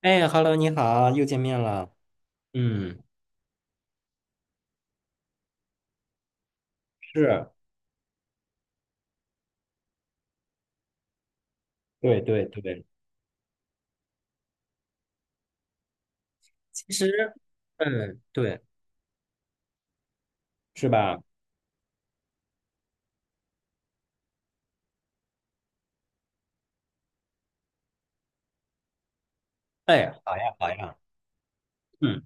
哎，Hello，你好，又见面了。嗯，是，对对对，其实，嗯，对，是吧？哎，好呀，好呀，嗯，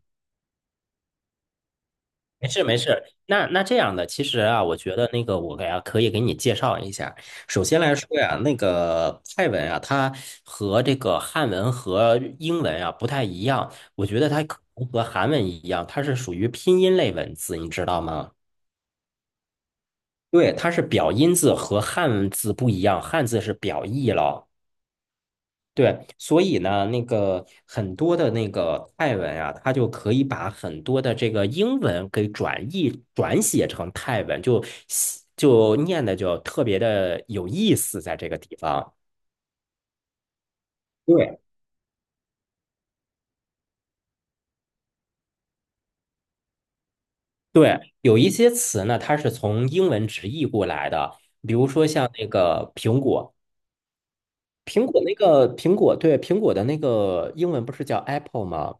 没事没事。那这样的，其实啊，我觉得那个我给啊可以给你介绍一下。首先来说呀，那个泰文啊，它和这个汉文和英文啊不太一样，我觉得它可能和韩文一样，它是属于拼音类文字，你知道吗？对，它是表音字和汉字不一样，汉字是表意了。对，所以呢，那个很多的那个泰文啊，它就可以把很多的这个英文给转译转写成泰文，就写就念的就特别的有意思，在这个地方。对，对，有一些词呢，它是从英文直译过来的，比如说像那个苹果，苹果那个苹果，对，苹果的那个英文不是叫 Apple 吗？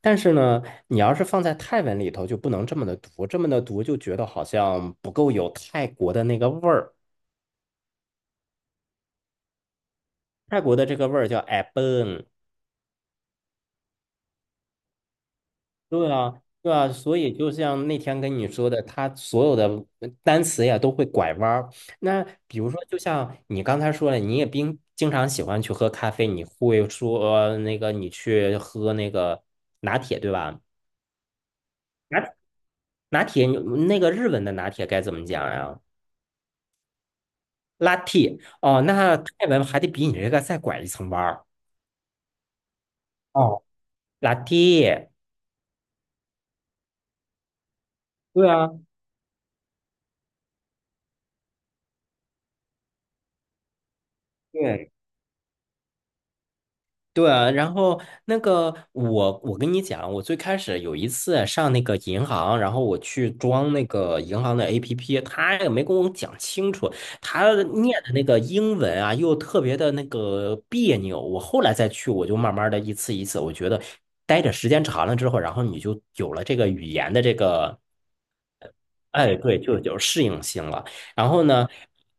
但是呢，你要是放在泰文里头，就不能这么的读，这么的读就觉得好像不够有泰国的那个味儿。泰国的这个味儿叫 a b o n。 对啊，对啊。所以就像那天跟你说的，它所有的单词呀都会拐弯儿。那比如说，就像你刚才说了，你也经常喜欢去喝咖啡，你会说那个你去喝那个拿铁，对吧？拿拿铁，那个日文的拿铁该怎么讲呀？拉 a t 哦，那泰文还得比你这个再拐一层弯儿。哦拉 a t。 对啊，对对啊，然后那个我跟你讲，我最开始有一次上那个银行，然后我去装那个银行的 APP，他也没跟我讲清楚，他念的那个英文啊，又特别的那个别扭。我后来再去，我就慢慢的一次一次，我觉得待着时间长了之后，然后你就有了这个语言的这个。哎，对，就有适应性了。然后呢，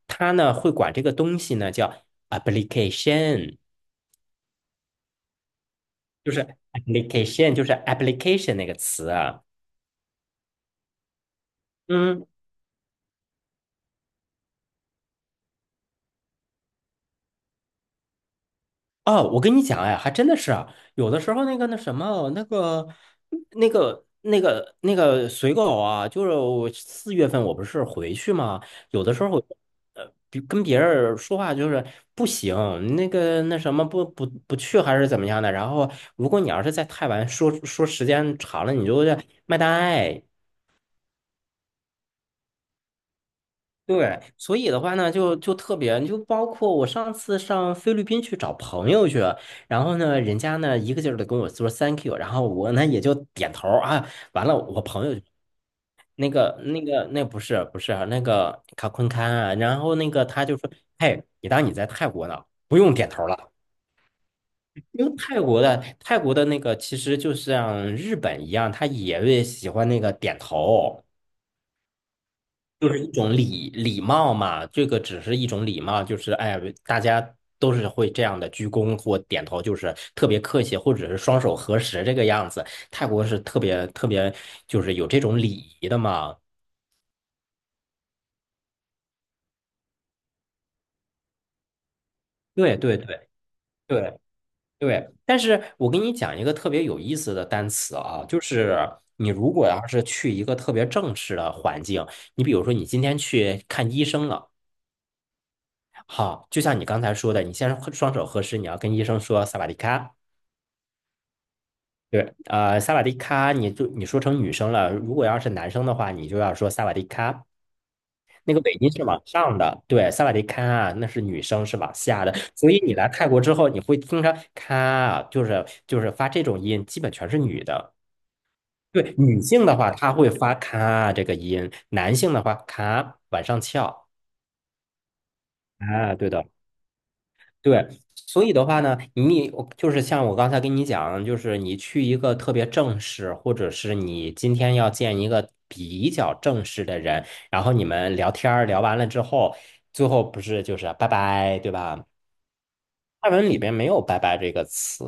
他呢会管这个东西呢叫 application，就是 application，就是 application 那个词啊。嗯，哦，我跟你讲，哎，还真的是啊，有的时候那个那什么，那个那个随狗啊，就是我四月份我不是回去嘛，有的时候呃，比跟别人说话就是不行，那个那什么不去还是怎么样的。然后如果你要是在太晚说说时间长了，你就会卖大爱。对，所以的话呢，就特别，就包括我上次上菲律宾去找朋友去，然后呢，人家呢一个劲儿的跟我说 thank you，然后我呢也就点头儿啊，完了，我朋友就那个那个那不是啊，那个卡昆堪啊，然后那个他就说，嘿，你当你在泰国呢，不用点头了。因为泰国的那个其实就像日本一样，他也会喜欢那个点头。就是一种礼礼貌嘛，这个只是一种礼貌，就是哎，大家都是会这样的鞠躬或点头，就是特别客气，或者是双手合十这个样子。泰国是特别特别，就是有这种礼仪的嘛。对对对对对，但是我给你讲一个特别有意思的单词啊，就是你如果要是去一个特别正式的环境，你比如说你今天去看医生了，好，就像你刚才说的，你先双手合十，你要跟医生说萨瓦迪卡。对，呃，萨瓦迪卡，你就你说成女生了。如果要是男生的话，你就要说萨瓦迪卡。那个尾音是往上的，对，萨瓦迪卡啊，那是女生是往下的。所以你来泰国之后，你会听着咔啊，就是就是发这种音，基本全是女的。对，女性的话，她会发咔啊这个音；男性的话，咔往上翘啊，对的。对，所以的话呢，你我就是像我刚才跟你讲，就是你去一个特别正式，或者是你今天要见一个比较正式的人，然后你们聊天儿聊完了之后，最后不是就是拜拜，对吧？泰文里边没有拜拜这个词，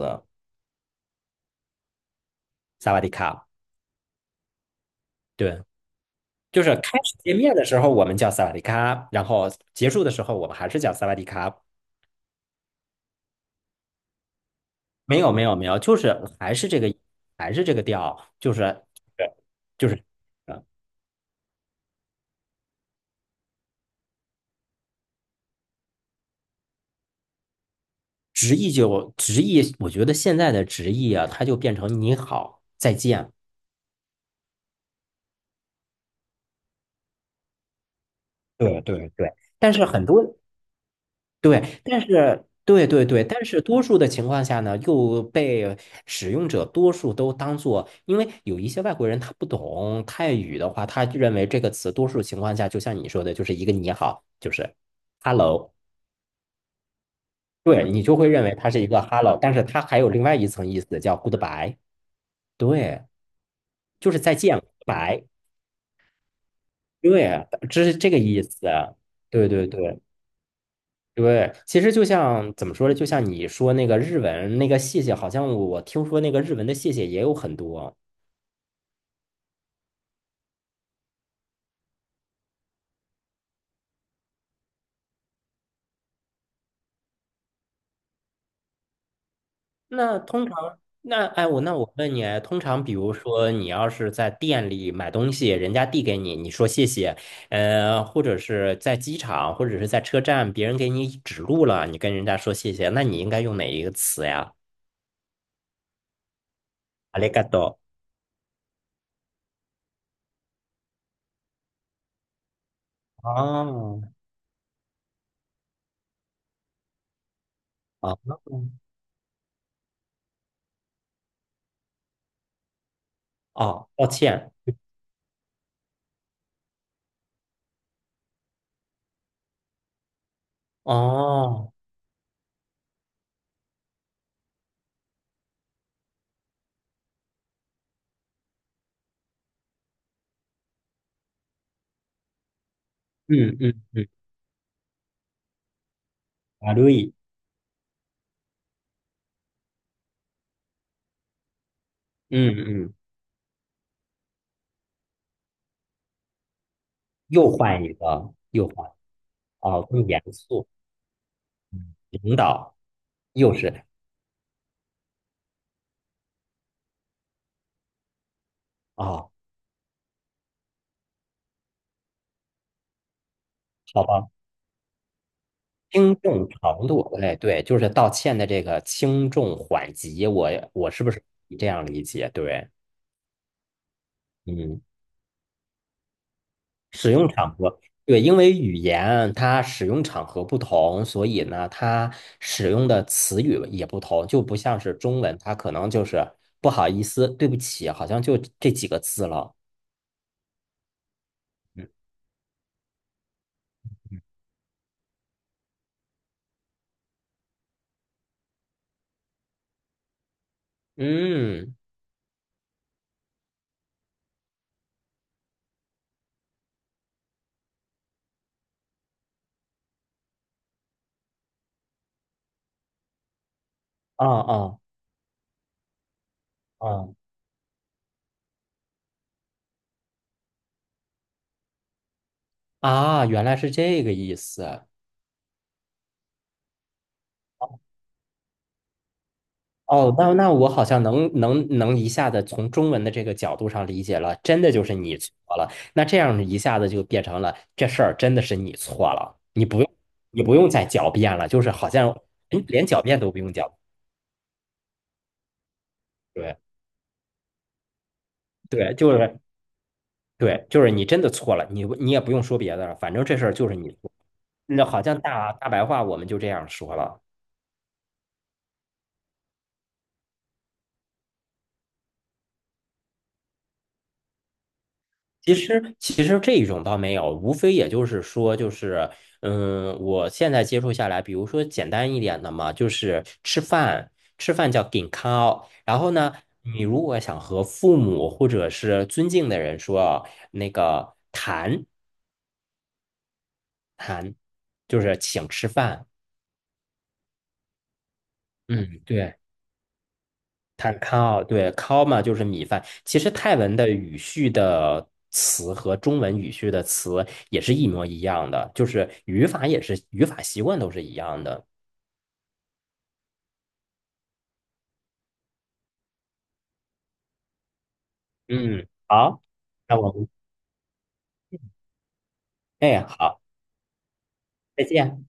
萨瓦迪卡。对，就是开始见面的时候我们叫萨瓦迪卡，然后结束的时候我们还是叫萨瓦迪卡。没有，就是还是这个还是这个调，就是就是。就是直译就直译，我觉得现在的直译啊，它就变成你好，再见。对对对，但是很多对，但是对，但是多数的情况下呢，又被使用者多数都当做，因为有一些外国人他不懂泰语的话，他认为这个词多数情况下，就像你说的，就是一个你好，就是 hello，对你就会认为它是一个 hello，但是它还有另外一层意思叫 goodbye，对，就是再见，goodbye。对啊，这是这个意思啊。对对对对，其实就像怎么说呢？就像你说那个日文那个谢谢，好像我听说那个日文的谢谢也有很多。那通常，那哎，我那我问你啊，通常比如说你要是在店里买东西，人家递给你，你说谢谢，呃，或者是在机场或者是在车站，别人给你指路了，你跟人家说谢谢，那你应该用哪一个词呀？ありがとう。哦，哦，哦，抱歉。哦，嗯嗯嗯，啊对，嗯嗯，又换一个，又换，哦，更严肃，嗯领导又是，哦，好吧，轻重程度，哎，对，就是道歉的这个轻重缓急，我是不是你这样理解？对，嗯使用场合，对，因为语言它使用场合不同，所以呢，它使用的词语也不同，就不像是中文，它可能就是不好意思、对不起，好像就这几个字了。嗯嗯，哦哦哦，啊，原来是这个意思。哦，那那我好像能一下子从中文的这个角度上理解了，真的就是你错了。那这样一下子就变成了这事儿真的是你错了，你不用再狡辩了，就是好像哎连狡辩都不用狡。对对，就是对，就是你真的错了，你你也不用说别的了，反正这事儿就是你错。那好像大大白话我们就这样说了。其实，其实这一种倒没有，无非也就是说，就是，嗯，我现在接触下来，比如说简单一点的嘛，就是吃饭，吃饭叫 g i n k a 然后呢，你如果想和父母或者是尊敬的人说那个谈谈，就是请吃饭，嗯，对。碳烤，对，烤嘛就是米饭。其实泰文的语序的词和中文语序的词也是一模一样的，就是语法也是语法习惯都是一样的。嗯，好，那我们，哎，好，再见。